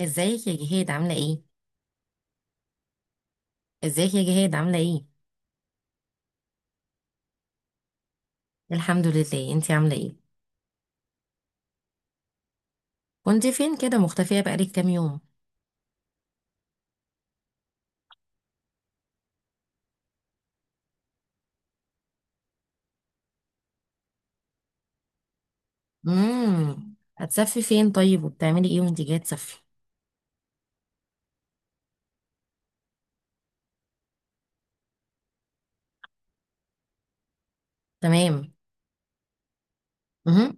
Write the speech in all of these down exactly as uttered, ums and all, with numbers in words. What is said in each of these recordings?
ازيك يا جهاد عاملة ايه؟ ازيك يا جهاد عاملة ايه؟ الحمد لله، انتي عاملة ايه؟ كنت فين كده مختفية بقالك كام يوم؟ امم هتسافري فين طيب، وبتعملي ايه وانتي جاية تسافري؟ تمام. امم.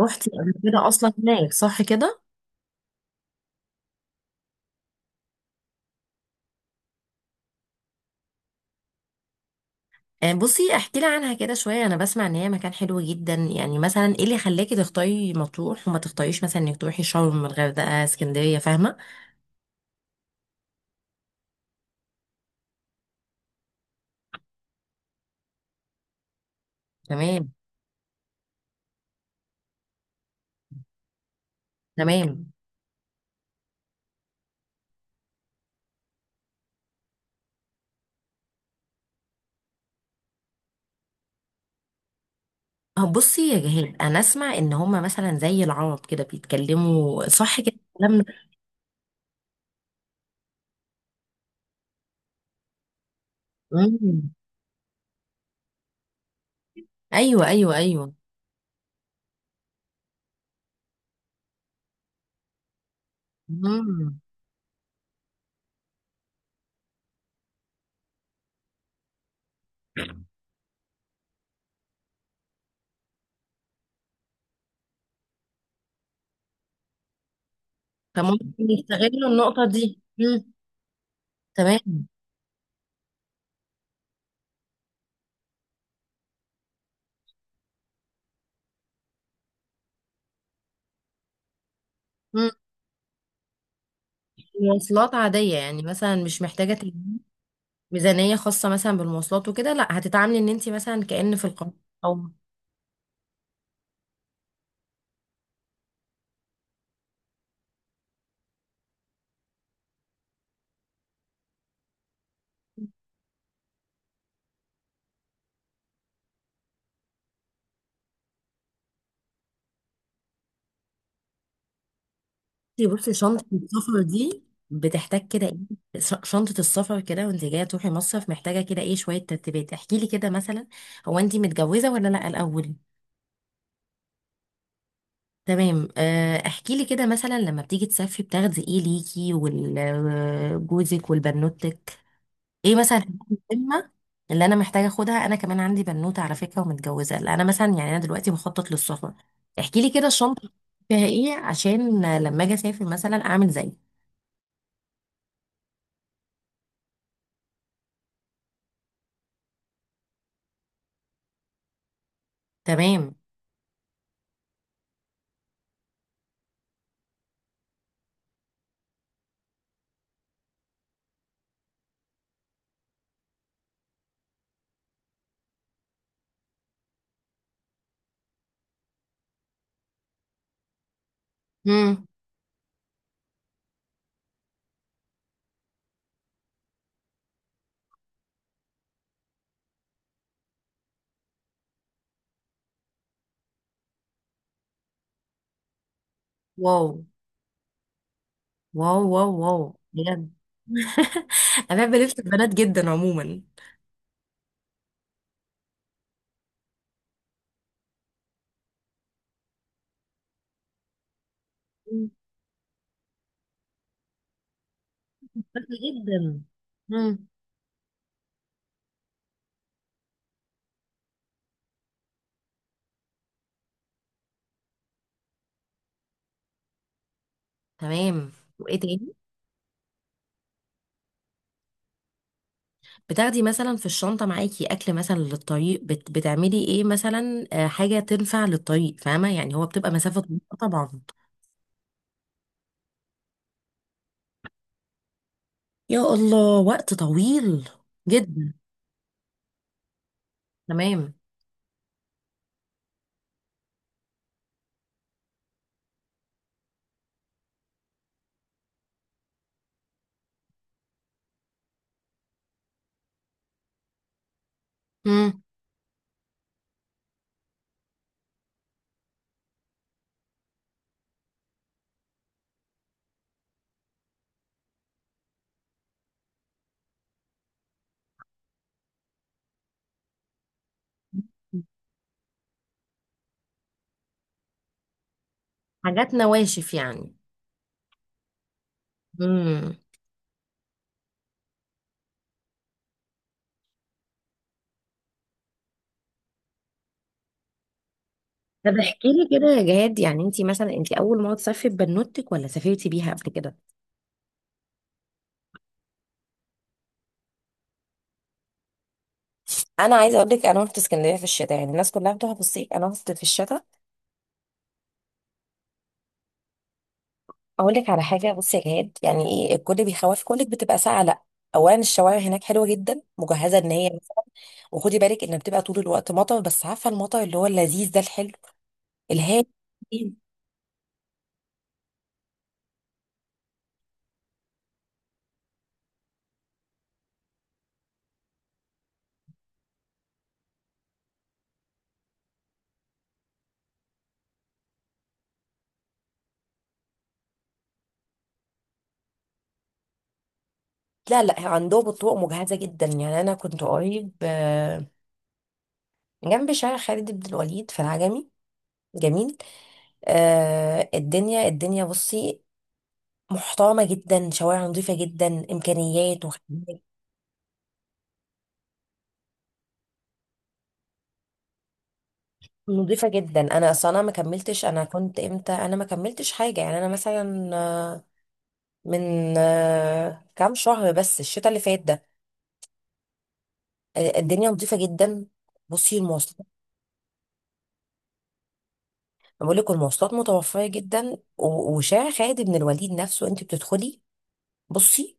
روحتي قبل كده اصلا هناك، صح كده؟ آه، بصي احكي لي عنها كده شوية، انا بسمع ان هي مكان حلو جدا، يعني مثلا ايه اللي خلاكي تختاري مطروح وما تختاريش مثلا انك تروحي شرم الغردقة اسكندرية، فاهمة؟ تمام. تمام. أه بصي يا جهاد، انا اسمع ان هما مثلا زي العرب كده بيتكلموا، صح كده الكلام ده؟ مم. ايوه ايوه ايوه. مم. فممكن يستغلوا النقطه دي. مم. تمام. مم. مواصلات عاديه يعني، مثلا مش محتاجه تجيبي ميزانيه خاصه مثلا بالمواصلات وكده، لا هتتعاملي ان انت مثلا كأن في القاهره. او بصي بصي شنطة السفر دي بتحتاج كده ايه، ش- شنطة السفر كده وانت جاية تروحي مصيف، محتاجة كده ايه شوية ترتيبات، احكي لي كده مثلا. هو انت متجوزة ولا لا الأول؟ تمام. آه، احكي لي كده مثلا لما بتيجي تسافري بتاخدي ايه ليكي وجوزك والبنوتك. ايه مثلا الحاجات المهمة اللي انا محتاجة اخدها؟ انا كمان عندي بنوتة على فكرة ومتجوزة. لا، انا مثلا يعني انا دلوقتي بخطط للسفر. احكي لي كده الشنطة فيها ايه، عشان لما اجي اسافر مثلا اعمل زي. تمام. مم. واو. واو واو واو. بجد. انا بحب لبس البنات جدا عموما. مم. شكرا جدا. مم. تمام. وايه تاني؟ بتاخدي مثلا في الشنطه معاكي اكل مثلا للطريق؟ بت... بتعملي ايه مثلا، آه، حاجه تنفع للطريق، فاهمه يعني هو بتبقى مسافه طويله طبعا. يا الله، وقت طويل جدا. تمام. مم. حاجات نواشف يعني. امم. طب احكي لي كده يا جهاد، يعني انت مثلا انت اول مره تسافري ببنوتك ولا سافرتي بيها قبل كده؟ انا عايزه اقول لك انا رحت اسكندريه في الشتاء، يعني الناس كلها بتروح في الصيف انا رحت في الشتاء. اقول لك على حاجه بصي يا جهاد، يعني ايه الكل بيخوف كلك بتبقى ساقعه؟ لا. اولا الشوارع هناك حلوه جدا مجهزه ان هي. وخدي بالك ان بتبقى طول الوقت مطر، بس عارفه المطر اللي هو اللذيذ ده، الحلو الهادي. لا لا، عندهم الطرق مجهزه جدا. يعني انا كنت قريب آه، جنب شارع خالد بن الوليد في العجمي. جميل. آه، الدنيا الدنيا بصي محترمه جدا، شوارع نظيفه جدا، امكانيات وخدمات نضيفة جدا. انا اصلا انا ما كملتش انا كنت امتى؟ انا ما كملتش حاجة يعني. انا مثلا آه، من آه، كام شهر بس، الشتاء اللي فات ده. آه، الدنيا نضيفة جدا. بصي المواصلات، أنا بقول لك المواصلات متوفرة جدا، و- وشارع خالد بن الوليد نفسه انت بتدخلي، بصي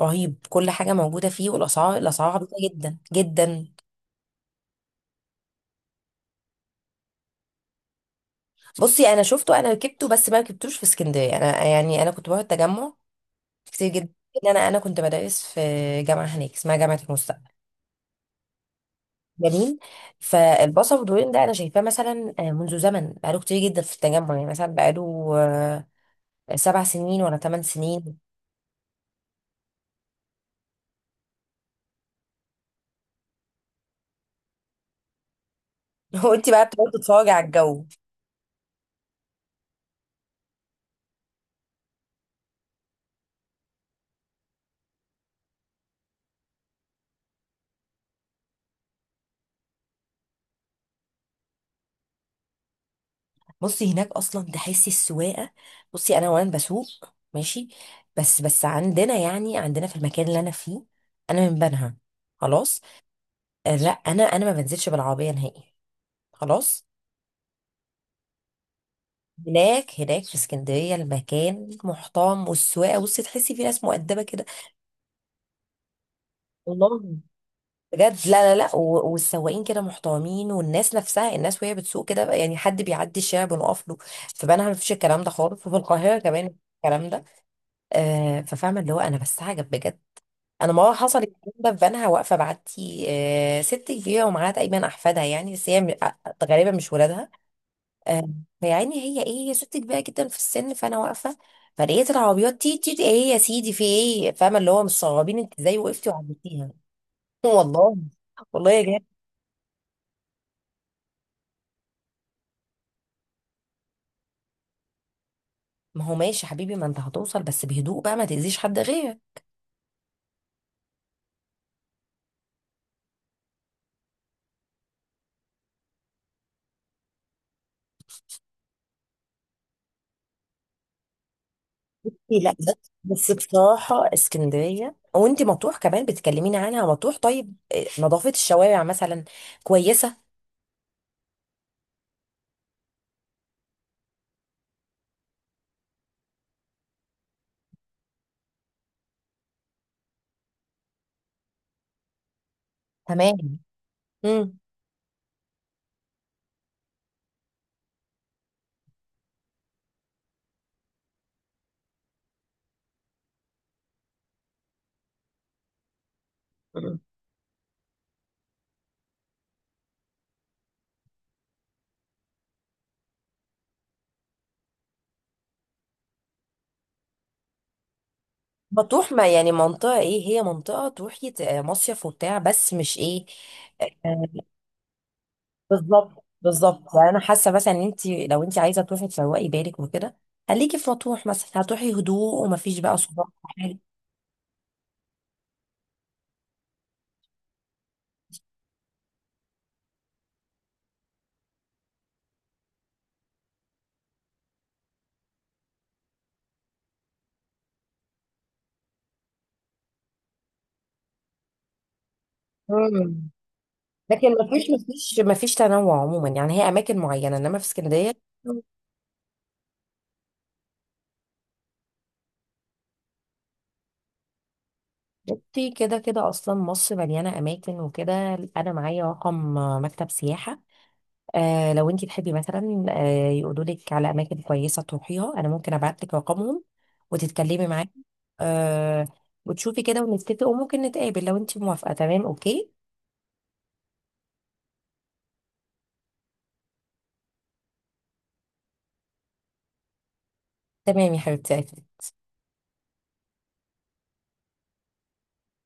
رهيب، كل حاجة موجودة فيه. والاسعار الاسعار عبيطة جدا جدا. بصي انا شفته، انا ركبته بس ما ركبتوش في اسكندرية. انا يعني انا كنت بروح التجمع كتير جدا، لأن انا انا كنت بدرس في جامعة هناك اسمها جامعة المستقبل. جميل. فالبصل والدورين ده انا شايفاه مثلا آه، منذ زمن، بقاله كتير جدا في التجمع. يعني مثلا بقاله آه، سبع سنين ولا ثمان سنين. وانت بقى بتقعدي تتفرجي على الجو. بصي هناك اصلا تحسي السواقه، بصي انا وانا بسوق ماشي. بس بس عندنا، يعني عندنا في المكان اللي انا فيه، انا من بنها، خلاص. آه، لا، انا انا ما بنزلش بالعربيه نهائي، خلاص. هناك هناك في اسكندريه المكان محترم، والسواقه بصي، تحسي في ناس مؤدبه كده. والله. بجد. لا لا لا، و- والسواقين كده محترمين، والناس نفسها الناس وهي بتسوق كده بقى، يعني حد بيعدي الشارع بنقف له. في بنها مفيش الكلام ده خالص، وفي القاهرة كمان مفيش الكلام ده. آه، ففاهمة اللي هو أنا بستعجب بجد. أنا مرة حصل الكلام ده في بنها، واقفة بعدي آه ست كبيرة ومعاها تقريبا أحفادها يعني، بس هي م- آه، غالبا مش ولادها. آه. فيعني هي إيه، هي ست كبيرة جدا في السن، فأنا واقفة. فلقيت العربيات تي تي تي، إيه يا سيدي، في إيه؟ فاهمة اللي هو مستغربين أنت إزاي وقفتي وعديتيها. والله. والله يا. ما هو ماشي حبيبي، ما انت هتوصل بس بهدوء بقى، ما تأذيش حد غيرك. إيه، لا بس، بس بصراحة اسكندرية، وانت مطروح كمان بتكلميني عنها مطروح، طيب إيه، نظافة الشوارع مثلا كويسة؟ تمام. امم. مم. مطروح ما يعني منطقة ايه، هي منطقة تروحي ت- آه، مصيف وبتاع، بس مش ايه. آه، بالظبط بالظبط، يعني انا حاسة مثلا ان انت لو انت عايزة تروحي تروقي بالك وكده، خليكي في مطروح مثلا، هتروحي هدوء ومفيش بقى صداع ولا حاجة. لكن ما فيش ما فيش ما فيش تنوع عموما، يعني هي اماكن معينه، انما في اسكندريه. بصي كده كده اصلا مصر مليانه اماكن وكده. انا معايا رقم مكتب سياحه، آه لو انت تحبي مثلا آه يقولوا لك على اماكن كويسه تروحيها، انا ممكن ابعت لك رقمهم وتتكلمي معاهم. آه. وتشوفي كده ونتفق، وممكن نتقابل لو انت موافقه. تمام. اوكي. تمام يا حبيبتي.